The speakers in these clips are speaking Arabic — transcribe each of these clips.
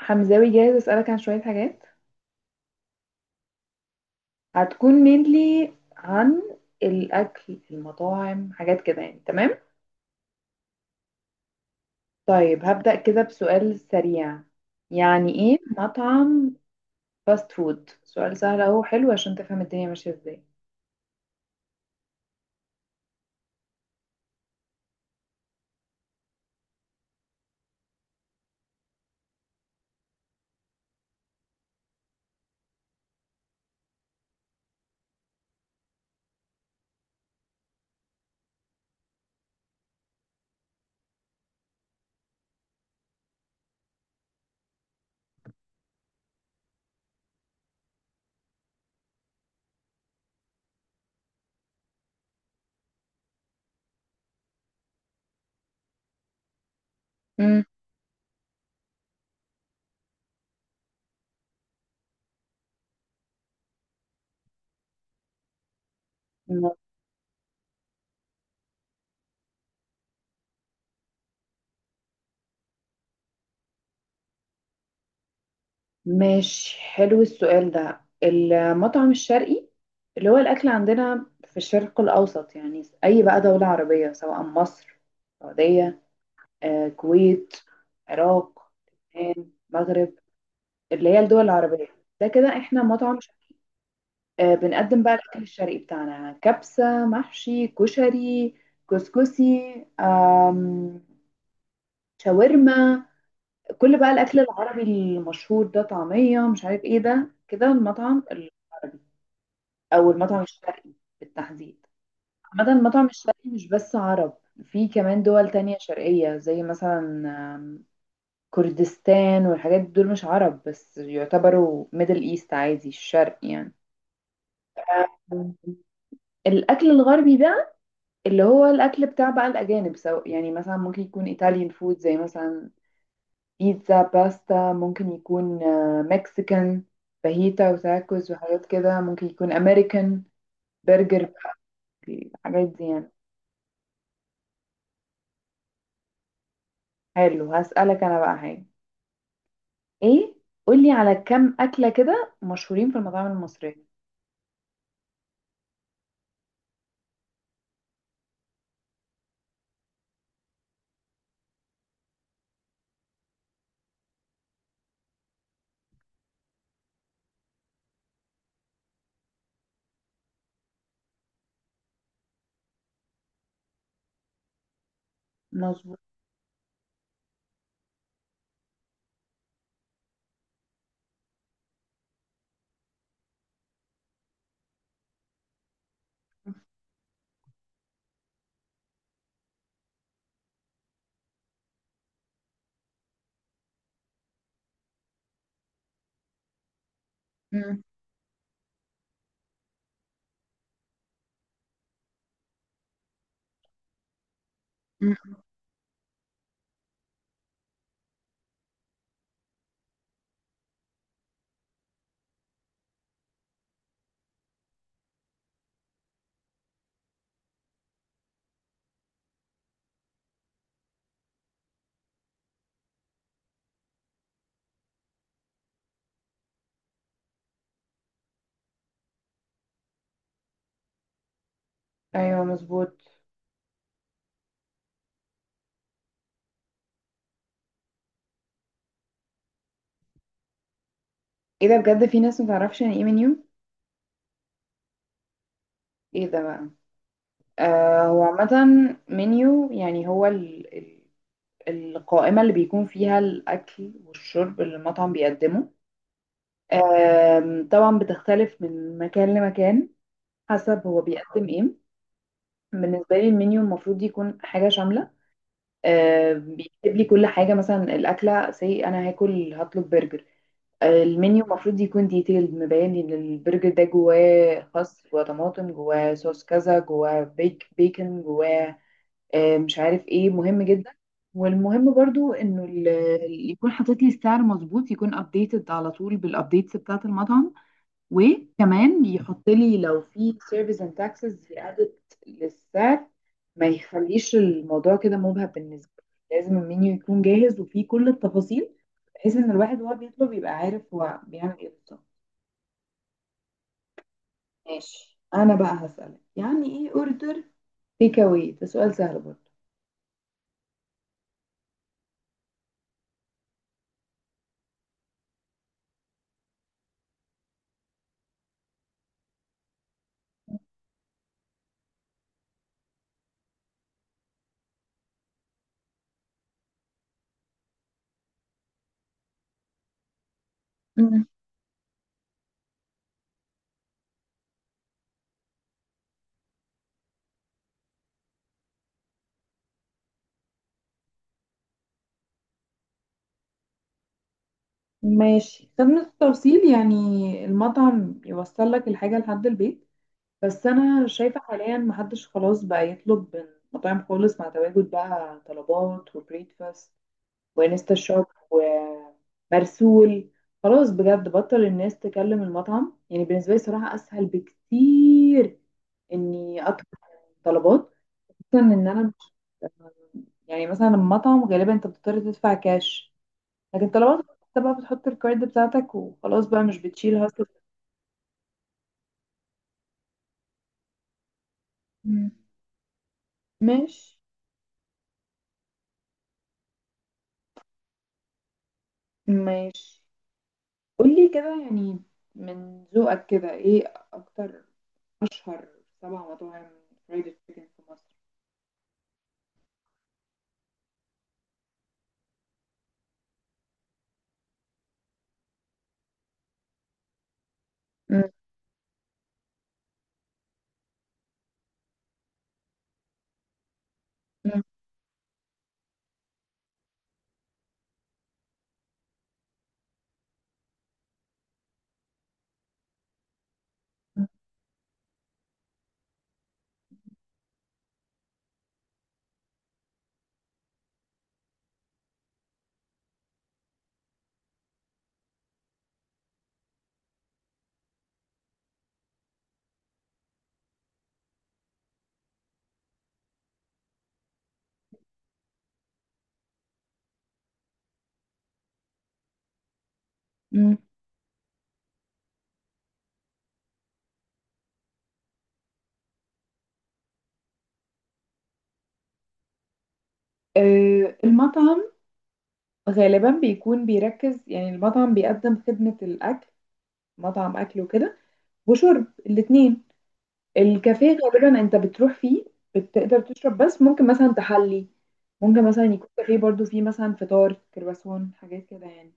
حمزاوي، جاهز اسألك عن شوية حاجات. هتكون mainly عن الأكل، المطاعم، حاجات كده يعني. تمام، طيب هبدأ كده بسؤال سريع: يعني ايه مطعم فاست فود؟ سؤال سهل اهو، حلو عشان تفهم الدنيا ماشية ازاي. امم م- ماشي، حلو السؤال ده. المطعم الشرقي اللي هو الأكل عندنا في الشرق الأوسط، يعني أي بقى دولة عربية سواء مصر، السعودية، كويت، عراق، لبنان، مغرب، اللي هي الدول العربية. ده كده احنا مطعم شرقي. بنقدم بقى الأكل الشرقي بتاعنا: كبسة، محشي، كشري، كسكسي، شاورما، كل بقى الأكل العربي المشهور ده، طعمية، مش عارف ايه. ده كده المطعم العربي أو المطعم الشرقي بالتحديد. عامة المطعم الشرقي مش بس عرب، في كمان دول تانية شرقية زي مثلا كردستان والحاجات دول، مش عرب بس يعتبروا ميدل ايست عادي، الشرق يعني. آه، الاكل الغربي ده اللي هو الاكل بتاع بقى الاجانب، سواء يعني مثلا ممكن يكون ايطاليان فود زي مثلا بيتزا، باستا، ممكن يكون مكسيكان: فاهيتا وتاكوز وحاجات كده، ممكن يكون امريكان: برجر، الحاجات دي يعني. حلو، هسألك انا بقى حاجة: ايه، قولي على كم اكلة كده مشهورين في المطاعم المصرية. مظبوط. مم. ايوه مظبوط. ايه ده؟ بجد في ناس متعرفش يعني ايه منيو؟ ايه ده بقى؟ هو عامة منيو يعني هو ال القائمة اللي بيكون فيها الأكل والشرب اللي المطعم بيقدمه. طبعا بتختلف من مكان لمكان حسب هو بيقدم ايه. بالنسبة لي المنيو المفروض يكون حاجة شاملة، بيكتب لي كل حاجة. مثلا الأكلة سي، أنا هاكل، هطلب برجر. المنيو المفروض يكون ديتيلد، مبين ان البرجر ده جواه خس، جواه طماطم، جواه صوص كذا، جواه بيك بيكن، جواه مش عارف ايه. مهم جدا. والمهم برضو انه يكون حاطط لي السعر مظبوط، يكون ابديتد على طول بالابديتس بتاعه المطعم. وكمان يحط لي لو في سيرفيس اند تاكسز زيادت للسعر، ما يخليش الموضوع كده مبهم بالنسبه لي. لازم المنيو يكون جاهز وفيه كل التفاصيل، بحيث ان الواحد وهو بيطلب يبقى عارف هو بيعمل ايه بالظبط. ماشي، انا بقى هسألك يعني ايه اوردر تيك اواي؟ ده سؤال سهل برضه. مم. ماشي، خدمة التوصيل يعني المطعم يوصل لك الحاجة لحد البيت. بس انا شايفة حاليا محدش خلاص بقى يطلب من مطاعم خالص مع تواجد بقى طلبات وبريكفاست وانستا شوب ومرسول. خلاص بجد بطل الناس تكلم المطعم. يعني بالنسبة لي صراحة اسهل بكتير اني طلبات، خصوصا ان انا مش، يعني مثلا المطعم غالبا انت بتضطر تدفع كاش، لكن طلبات انت بقى بتحط الكارد بتاعتك وخلاص بقى، مش بتشيل هاسل. مم. ماشي. ماشي، قولي كده يعني من ذوقك كده ايه اكتر، اشهر سبع مطاعم فرايد تشيكن في مصر؟ مم. مم. مم. المطعم غالبا بيكون بيركز، يعني المطعم بيقدم خدمة الأكل، مطعم أكل وكده وشرب، الاتنين. الكافيه غالبا انت بتروح فيه بتقدر تشرب بس، ممكن مثلا تحلي، ممكن مثلا يكون كافيه برضو فيه مثلا فطار، كرواسون، حاجات كده يعني.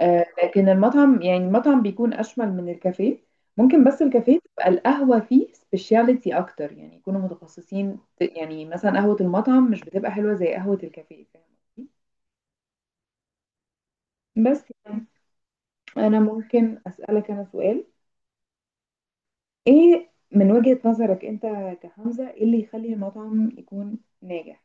لكن المطعم يعني المطعم بيكون اشمل من الكافيه. ممكن بس الكافيه تبقى القهوة فيه سبيشاليتي اكتر، يعني يكونوا متخصصين. يعني مثلا قهوة المطعم مش بتبقى حلوة زي قهوة الكافيه، فاهم قصدي؟ بس يعني انا ممكن اسألك انا سؤال: ايه من وجهة نظرك انت كحمزة ايه اللي يخلي المطعم يكون ناجح؟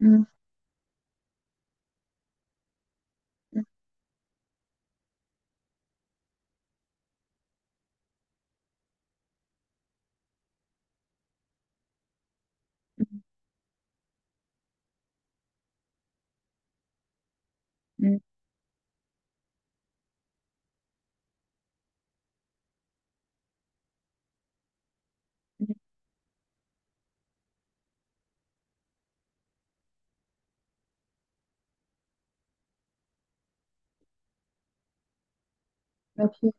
مم. مم. في،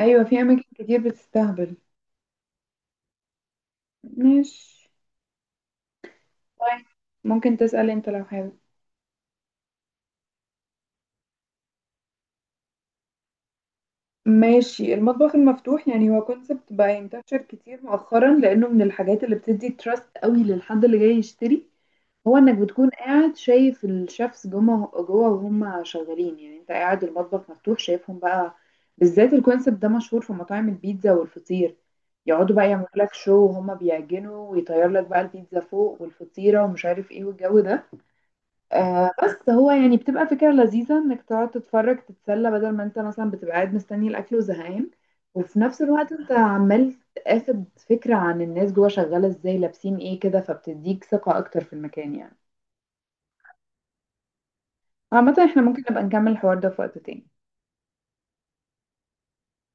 ايوه في اماكن كتير بتستهبل. مش، طيب ممكن تسأل انت لو حابب. ماشي، المطبخ المفتوح يعني هو كونسبت بقى ينتشر كتير مؤخرا، لانه من الحاجات اللي بتدي تراست قوي للحد اللي جاي يشتري. هو انك بتكون قاعد شايف الشيفs جوه جوه وهم شغالين، يعني انت قاعد المطبخ مفتوح شايفهم بقى. بالذات الكونسبت ده مشهور في مطاعم البيتزا والفطير، يقعدوا بقى يعملوا لك شو وهم بيعجنوا ويطير لك بقى البيتزا فوق والفطيرة ومش عارف ايه والجو ده. بس هو يعني بتبقى فكرة لذيذة انك تقعد تتفرج، تتسلى، بدل ما انت مثلا بتبقى قاعد مستني الاكل وزهقان. وفي نفس الوقت انت عمال تاخد فكرة عن الناس جوه شغالة ازاي، لابسين ايه كده، فبتديك ثقة اكتر في المكان يعني. عامة احنا ممكن نبقى نكمل الحوار ده في وقت تاني.